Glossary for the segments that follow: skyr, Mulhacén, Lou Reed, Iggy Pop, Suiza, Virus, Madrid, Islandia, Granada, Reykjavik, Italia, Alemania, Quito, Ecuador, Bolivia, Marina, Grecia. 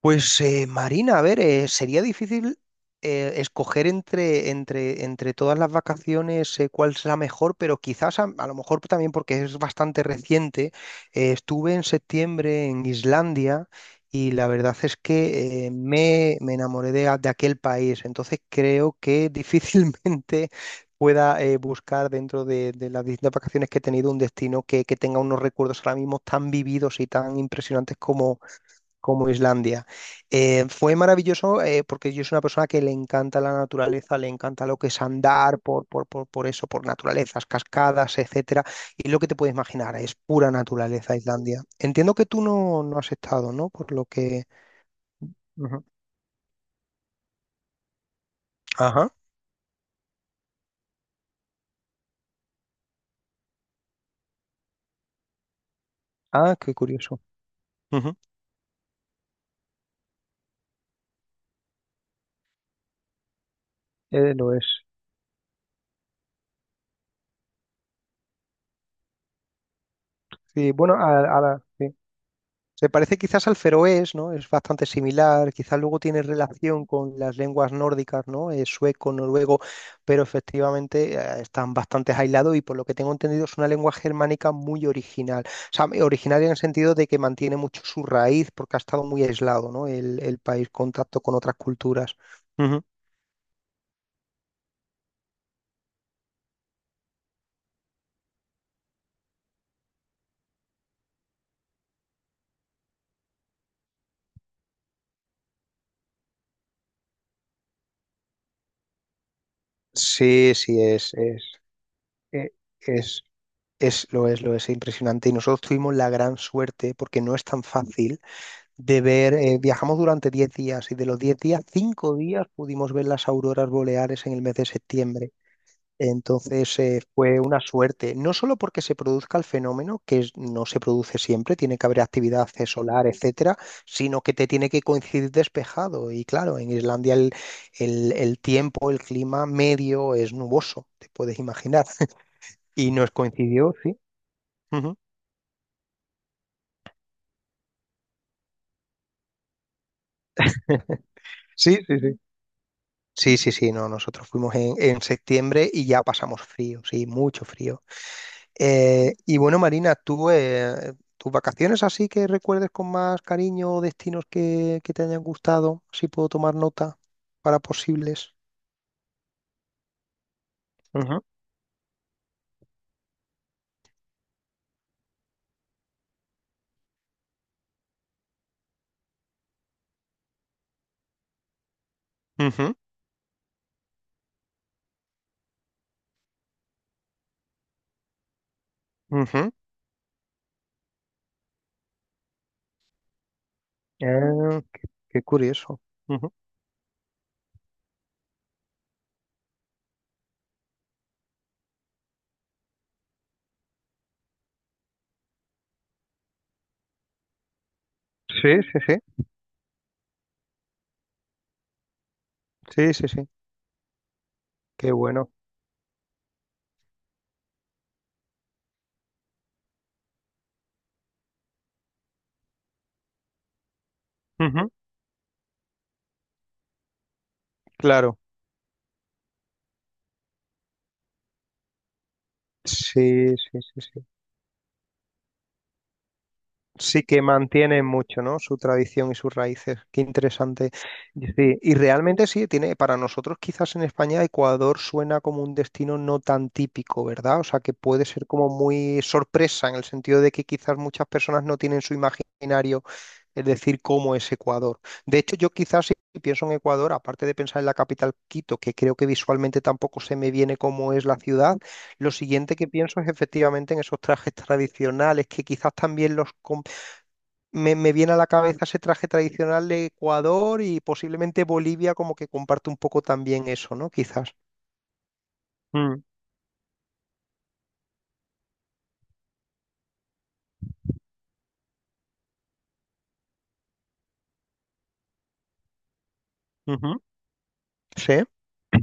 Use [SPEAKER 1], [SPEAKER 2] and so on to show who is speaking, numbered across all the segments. [SPEAKER 1] Pues Marina, a ver, sería difícil escoger entre todas las vacaciones cuál es la mejor, pero quizás a lo mejor también porque es bastante reciente. Estuve en septiembre en Islandia y la verdad es que me enamoré de aquel país, entonces creo que difícilmente pueda buscar dentro de las distintas vacaciones que he tenido un destino que tenga unos recuerdos ahora mismo tan vividos y tan impresionantes como Islandia. Fue maravilloso porque yo soy una persona que le encanta la naturaleza, le encanta lo que es andar por eso, por naturalezas, cascadas, etcétera. Y lo que te puedes imaginar es pura naturaleza Islandia. Entiendo que tú no has estado, ¿no? Por lo que... Ujú. Ajá. Ah, qué curioso. Ujú. Lo es. Sí, bueno, sí. Se parece quizás al feroés, ¿no? Es bastante similar, quizás luego tiene relación con las lenguas nórdicas, ¿no? Sueco, noruego, pero efectivamente están bastante aislados y por lo que tengo entendido es una lengua germánica muy original. O sea, originaria en el sentido de que mantiene mucho su raíz porque ha estado muy aislado, ¿no? El país, contacto con otras culturas. Ujú. Sí, sí, es, e- es, es, lo es, lo es, impresionante. Y nosotros tuvimos la gran suerte, porque no es tan fácil, de ver, viajamos durante 10 días y de los 10 días, 5 días pudimos ver las auroras boreales en el mes de septiembre. Entonces fue una suerte, no solo porque se produzca el fenómeno, no se produce siempre, tiene que haber actividad solar, etcétera, sino que te tiene que coincidir despejado. Y claro, en Islandia el tiempo, el clima medio es nuboso, te puedes imaginar. Y nos coincidió, sí. Ujú. Sí, sí, sí. Sí, sí, sí, no, nosotros fuimos en septiembre y ya pasamos frío, sí, mucho frío. Y bueno, Marina, ¿tú, tus vacaciones así que recuerdes con más cariño o destinos que te hayan gustado? Así puedo tomar nota para posibles. Ujú, ujú, ujú. Ah, qué curioso. Ujú. Sí, sí, sí, sí, sí, sí, qué bueno. Ujú, claro. Sí, sí, sí, sí. Sí que mantienen mucho, ¿no? Su tradición y sus raíces. Qué interesante. Y sí, y realmente sí, tiene, para nosotros quizás en España Ecuador suena como un destino no tan típico, ¿verdad? O sea, que puede ser como muy sorpresa en el sentido de que quizás muchas personas no tienen su imaginario, es decir, cómo es Ecuador. De hecho, yo quizás si pienso en Ecuador, aparte de pensar en la capital Quito, que creo que visualmente tampoco se me viene cómo es la ciudad, lo siguiente que pienso es efectivamente en esos trajes tradicionales que quizás también me viene a la cabeza ese traje tradicional de Ecuador y posiblemente Bolivia como que comparte un poco también eso, ¿no? Quizás. Mm, ujú. Sí,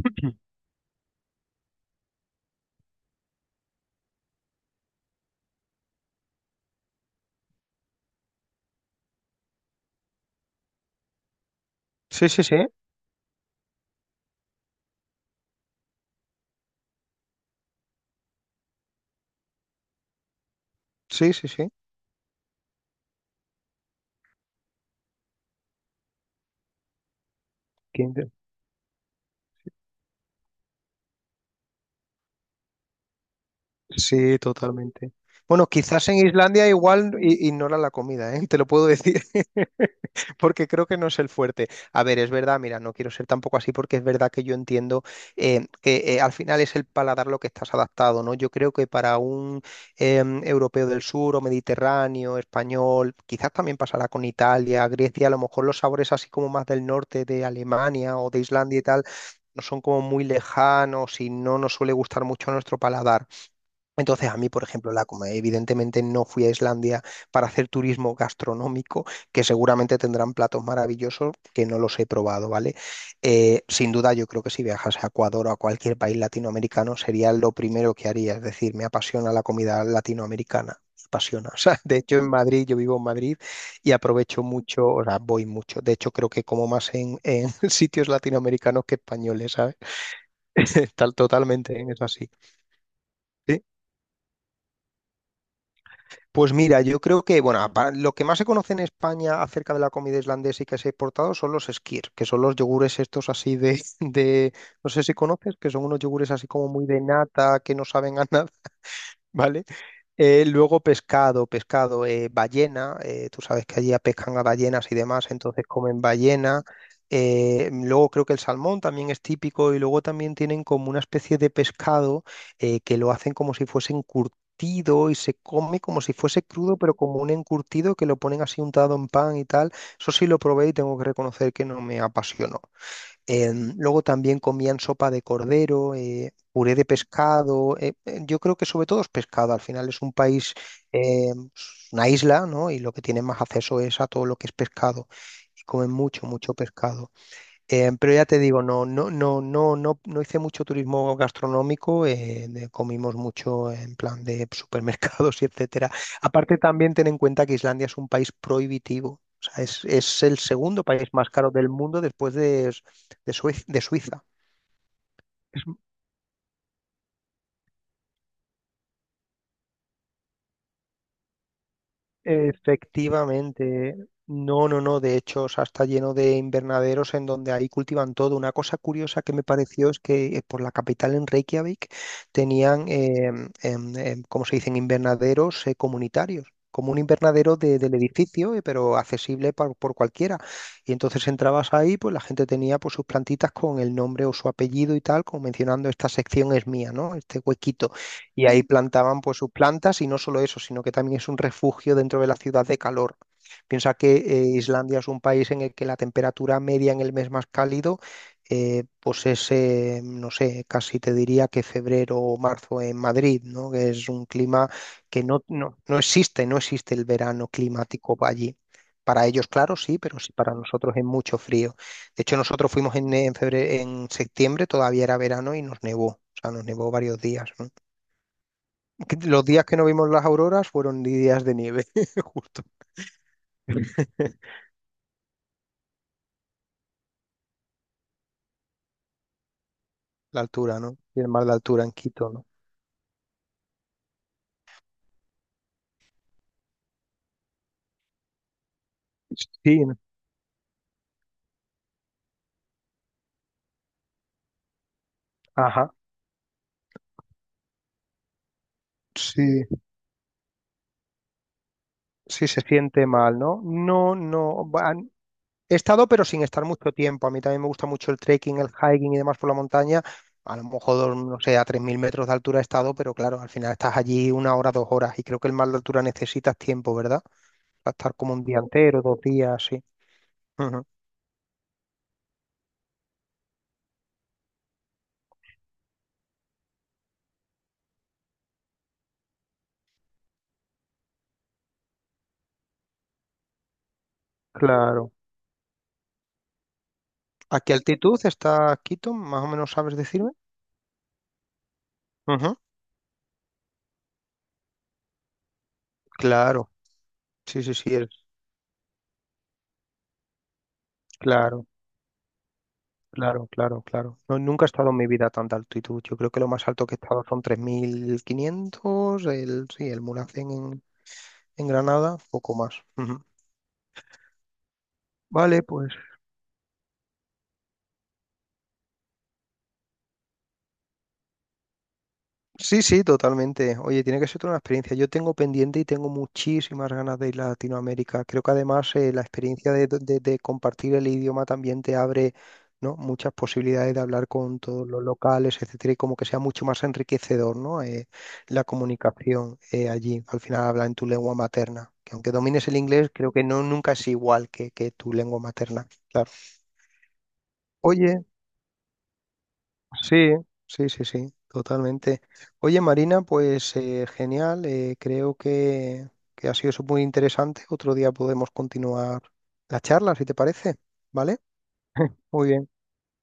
[SPEAKER 1] sí, sí, sí, sí, sí, sí. Qué Sí, totalmente. Bueno, quizás en Islandia igual ignora la comida, ¿eh? Te lo puedo decir, porque creo que no es el fuerte. A ver, es verdad, mira, no quiero ser tampoco así porque es verdad que yo entiendo que al final es el paladar lo que estás adaptado, ¿no? Yo creo que para un europeo del sur o mediterráneo, español, quizás también pasará con Italia, Grecia, a lo mejor los sabores así como más del norte de Alemania o de Islandia y tal, no son como muy lejanos y no nos suele gustar mucho a nuestro paladar. Entonces, a mí, por ejemplo, la comida, evidentemente no fui a Islandia para hacer turismo gastronómico, que seguramente tendrán platos maravillosos que no los he probado, ¿vale? Sin duda, yo creo que si viajas a Ecuador o a cualquier país latinoamericano sería lo primero que haría, es decir, me apasiona la comida latinoamericana. Me apasiona. O sea, de hecho en Madrid, yo vivo en Madrid y aprovecho mucho, o sea, voy mucho. De hecho, creo que como más en sitios latinoamericanos que españoles, ¿sabes? Tal, totalmente, ¿eh? Es así. ¿Sí? Pues mira, yo creo que, bueno, lo que más se conoce en España acerca de la comida islandesa y que se ha exportado son los skyr, que son los yogures estos así de, no sé si conoces, que son unos yogures así como muy de nata, que no saben a nada, ¿vale? Luego pescado, pescado, ballena, tú sabes que allí pescan a ballenas y demás, entonces comen ballena. Luego creo que el salmón también es típico y luego también tienen como una especie de pescado que lo hacen como si fuese encurtido y se come como si fuese crudo, pero como un encurtido que lo ponen así untado en pan y tal. Eso sí lo probé y tengo que reconocer que no me apasionó. Luego también comían sopa de cordero, puré de pescado. Yo creo que sobre todo es pescado. Al final es un país, eh, es una isla, ¿no? Y lo que tienen más acceso es a todo lo que es pescado. Y comen mucho, mucho pescado. Pero ya te digo, no, no, no, no, no, no hice mucho turismo gastronómico, comimos mucho en plan de supermercados y etcétera. Aparte también ten en cuenta que Islandia es un país prohibitivo, o sea, es el segundo país más caro del mundo después de Suiza. Efectivamente. No, no, no. De hecho, o sea, está lleno de invernaderos en donde ahí cultivan todo. Una cosa curiosa que me pareció es que por la capital en Reykjavik tenían, ¿cómo se dicen? Invernaderos comunitarios. Como un invernadero del edificio, pero accesible por cualquiera. Y entonces entrabas ahí, pues la gente tenía pues, sus plantitas con el nombre o su apellido y tal, como mencionando esta sección es mía, ¿no? Este huequito y ahí plantaban pues sus plantas y no solo eso, sino que también es un refugio dentro de la ciudad de calor. Piensa que Islandia es un país en el que la temperatura media en el mes más cálido no sé, casi te diría que febrero o marzo en Madrid, ¿no? Que es un clima que no, no, no existe, no existe el verano climático allí. Para ellos, claro, sí, pero sí para nosotros es mucho frío. De hecho, nosotros fuimos en septiembre, todavía era verano y nos nevó, o sea, nos nevó varios días, ¿no? Que los días que no vimos las auroras fueron días de nieve, justo. La altura, ¿no? Y el mar de altura en Quito, ¿no? Sí, ajá. Sí, sí se siente mal, ¿no? No, no. He estado, pero sin estar mucho tiempo. A mí también me gusta mucho el trekking, el hiking y demás por la montaña. A lo mejor, no sé, a 3.000 metros de altura he estado, pero claro, al final estás allí 1 hora, 2 horas. Y creo que el mar de altura necesitas tiempo, ¿verdad? Para estar como un día entero, 2 días, sí. Ujú. Claro. ¿A qué altitud está Quito? Más o menos sabes decirme. Ujú. Claro, sí, sí, sí, claro, claro, claro, claro. No, nunca he estado en mi vida a tanta altitud. Yo creo que lo más alto que he estado son 3.500. Sí, el Mulhacén en Granada, poco más. Ujú. Vale, pues. Sí, sí, totalmente. Oye, tiene que ser toda una experiencia. Yo tengo pendiente y tengo muchísimas ganas de ir a Latinoamérica. Creo que además la experiencia de compartir el idioma también te abre, ¿no? Muchas posibilidades de hablar con todos los locales, etcétera, y como que sea mucho más enriquecedor, ¿no? La comunicación allí. Al final habla en tu lengua materna, que aunque domines el inglés, creo que no, nunca es igual que tu lengua materna. Claro. Oye. Sí, sí, sí, sí, totalmente. Oye, Marina, pues genial, creo que ha sido eso muy interesante. Otro día podemos continuar la charla, si te parece, ¿vale? Muy bien.